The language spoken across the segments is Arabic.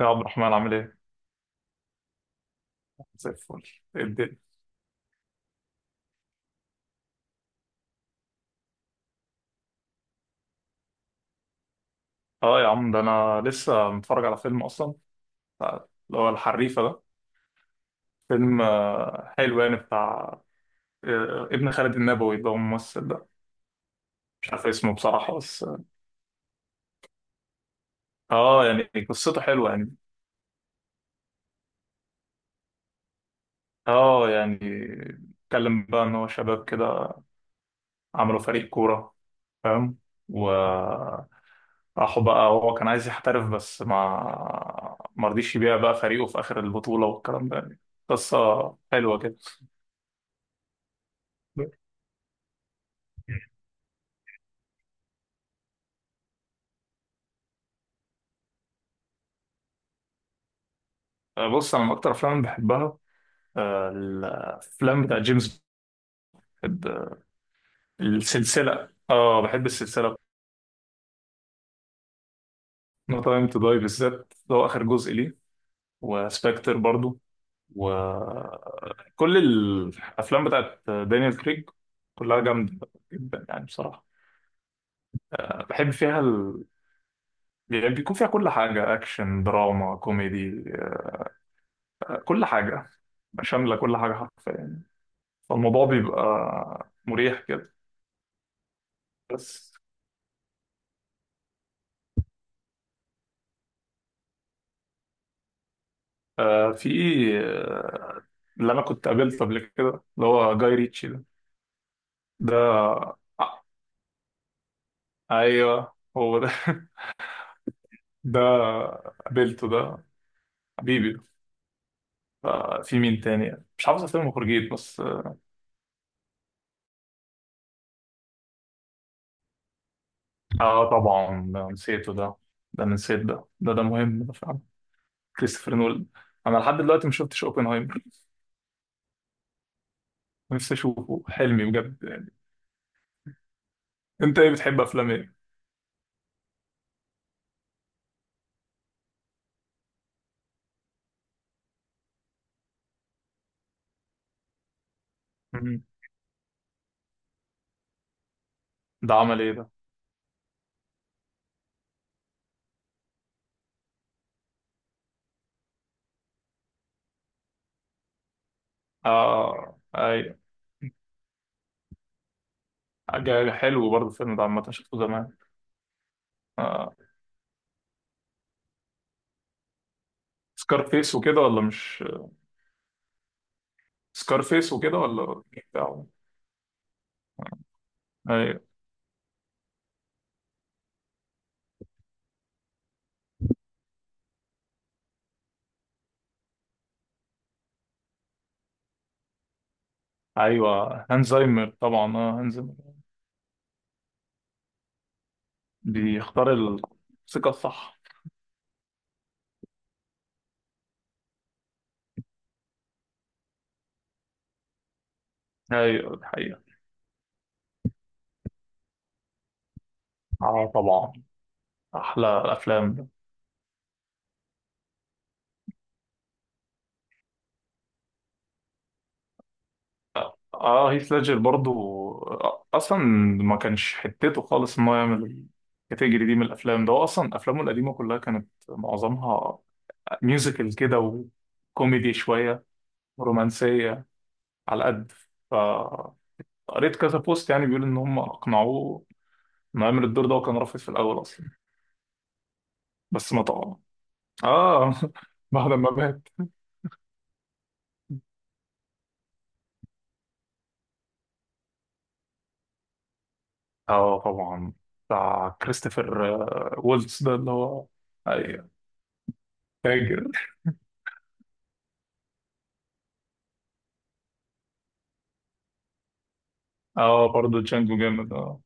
يا عبد الرحمن عامل ايه؟ زي الفل. ايه الدنيا؟ اه، يا عم ده انا لسه متفرج على فيلم اصلا، اللي هو الحريفه ده. فيلم، حلو يعني، بتاع ابن خالد النبوي، اللي هو الممثل ده. مش عارف اسمه بصراحه بس. اه يعني، قصته حلوه يعني. اه يعني اتكلم بقى ان هو شباب كده، عملوا فريق كوره، فاهم. وراحوا بقى، هو كان عايز يحترف بس ما مرضيش يبيع بقى فريقه في اخر البطوله والكلام ده يعني. قصه حلوه كده. بص انا من اكتر افلام اللي بحبها، الافلام بتاع جيمس. بحب السلسله. اه، بحب السلسله. نو تايم تو داي بالذات، ده هو اخر جزء ليه، وسبكتر برضو، وكل الافلام بتاعت دانيال كريج كلها جامده جدا يعني بصراحه. بحب فيها. يعني بيكون فيها كل حاجه، اكشن دراما كوميدي، كل حاجه. شامله كل حاجه حرفيا، فالموضوع بيبقى مريح كده. بس. في إيه، اللي انا كنت قابلته قبل كده اللي هو جاي ريتشي ده. ده آه، ايوه هو ده. ده قابلته ده، حبيبي. آه، في مين تاني مش عارف اسامي المخرجين بس، اه. طبعا ده نسيته ده. ده أنا نسيت ده مهم ده فعلا. كريستوفر نولان. انا لحد دلوقتي ما شفتش اوبنهايمر. نفسي اشوفه، حلمي بجد يعني. انت ايه بتحب افلام ايه؟ مم. ده عمل ايه ده؟ اه ايوه. حاجة حلو برضه الفيلم ده عامة، شفته زمان. آه. سكارفيس وكده ولا مش سكارفيس وكده، ولا بتاعه. ايوه. ايوه، هانزايمر طبعا، اه هانزايمر. بيختار الموسيقى الصح. ايوه دي حقيقة. اه طبعا، احلى الافلام ده. اه، هيث ليدجر برضو. اصلا ما كانش حتته خالص ان هو يعمل الكاتيجوري دي من الافلام ده، هو اصلا افلامه القديمه كلها كانت معظمها ميوزيكال كده وكوميدي شويه ورومانسيه، على قد. ف قريت كذا بوست يعني بيقول ان هم اقنعوه انه يعمل الدور ده، وكان رافض في الاول اصلا. بس ما طبعا، اه. بعد ما مات. اه طبعا، بتاع كريستوفر وولتس ده اللي هو. ايوه، فاكر. اه، برضه تشانجو جامد، اه.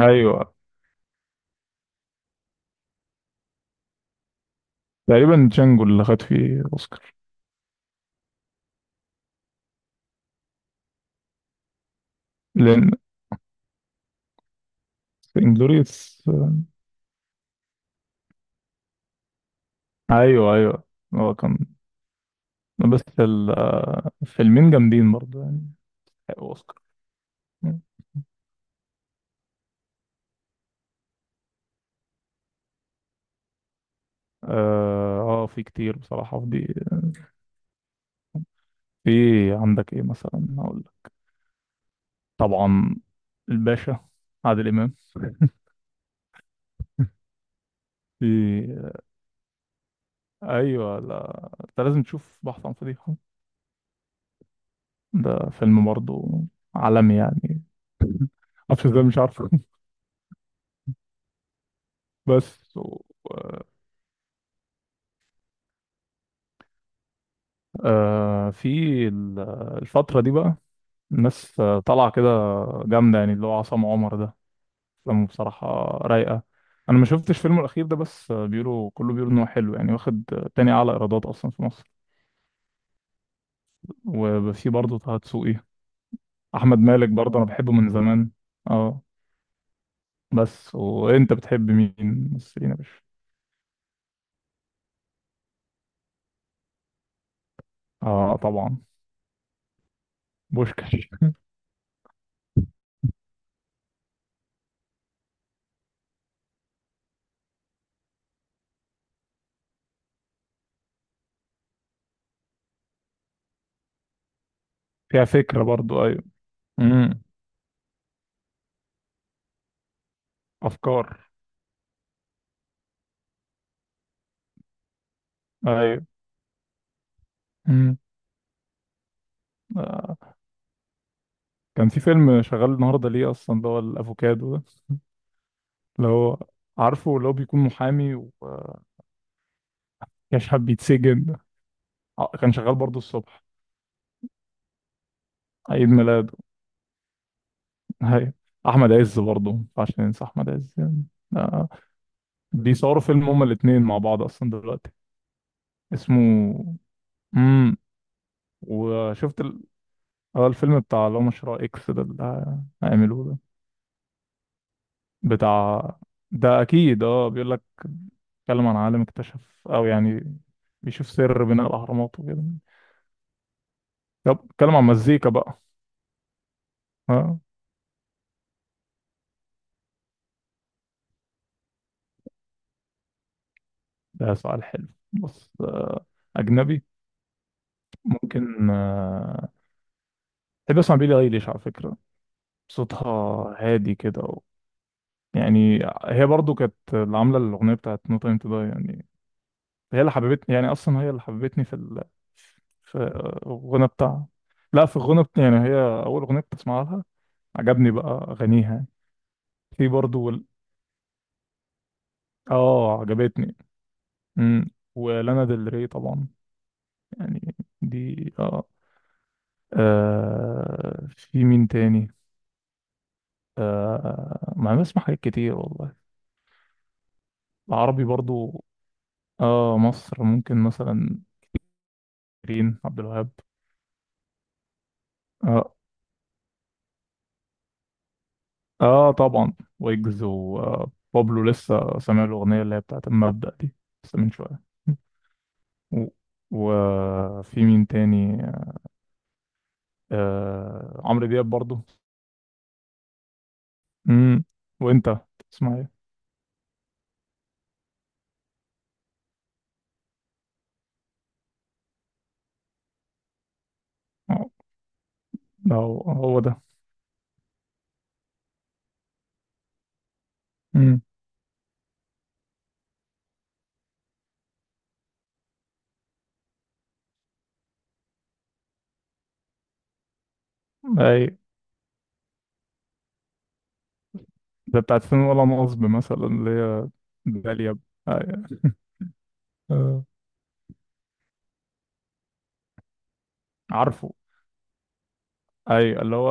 ايوه، تقريبا جانجو اللي خد فيه اوسكار. لان انجلوريوس ايوه ايوه، هو كان. بس الفيلمين جامدين برضه يعني، حققوا اوسكار. اه، في كتير بصراحة في دي، في. عندك ايه مثلا، هقول لك. طبعا الباشا، عادل امام. في. ايوه، لا انت لازم تشوف بحث عن فضيحه. ده فيلم برضه عالمي يعني. معرفش ازاي، مش عارفه. بس آه، في ال- الفتره دي بقى، الناس طالعه كده جامده يعني، اللي هو عصام عمر ده، افلامه بصراحه رايقه. انا ما شفتش فيلمه الاخير ده، بس بيقولوا، كله بيقولوا ان هو حلو يعني، واخد تاني اعلى ايرادات اصلا في مصر. وفي برضه طه دسوقي، احمد مالك برضه انا بحبه من زمان، اه. بس وانت بتحب مين ممثلين يا باشا؟ اه طبعا، بوشكاش. فيها فكره برضه، ايوه. امم. افكار. ايوه. امم. آه. كان في فيلم شغال النهارده ليه اصلا، اللي هو الافوكادو ده. اللي هو، عارفه، اللي هو بيكون محامي ويشحب بيتسجن ده. كان شغال برضه الصبح. عيد ميلاده، ايوه. احمد عز برضه ما ينفعش ننسى احمد عز يعني. آه. بيصوروا فيلم هما الاتنين مع بعض اصلا دلوقتي، اسمه. امم. وشفت ال... اه الفيلم بتاع اللي هو مشروع اكس ده اللي هيعملوه ده، بتاع. ده اكيد، اه بيقول لك، بيتكلم عن عالم اكتشف، او يعني بيشوف سر بناء الاهرامات وكده. طب بيتكلم عن مزيكا بقى. ها. ده سؤال حلو، بص اجنبي. ممكن بحب اسمع بيلي ايليش على فكرة، صوتها هادي كده يعني. هي برضو كانت اللي عامله الاغنيه بتاعت نو تايم تو داي يعني. هي اللي حببتني، يعني اصلا هي اللي حببتني في في الغنى بتاعها. لا، في الغنى يعني هي، اول اغنيه كنت اسمعها لها، عجبني بقى اغانيها يعني. في برضو اه عجبتني. امم. ولانا ديل ري طبعا، يعني دي اه. آه، في مين تاني. آه، ما أنا بسمع حاجات كتير والله. العربي برضو. اه، مصر ممكن مثلا رين عبد الوهاب، آه. اه طبعا، ويجز وبابلو. لسه سامع الاغنيه اللي هي بتاعت المبدأ دي، لسه من شويه. و- وفي مين تاني؟ آه، عمرو دياب برضو. امم. وانت تسمع ايه؟ آه، هو هو ده. امم. اي. ده بتاعت فين ولا نصب مثلا، اللي هي داليا. أي. آه. عارفه، اي اللي هو.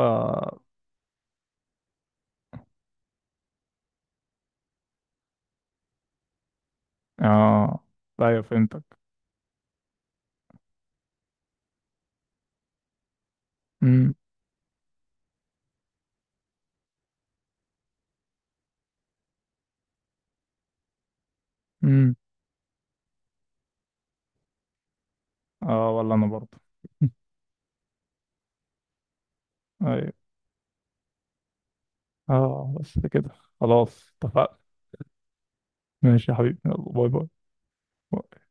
اه ايوه فهمتك. امم. امم. اه ولا انا برضو. اي. اه بس كده. خلاص اتفقنا. ماشي يا حبيبي، يلا باي. باي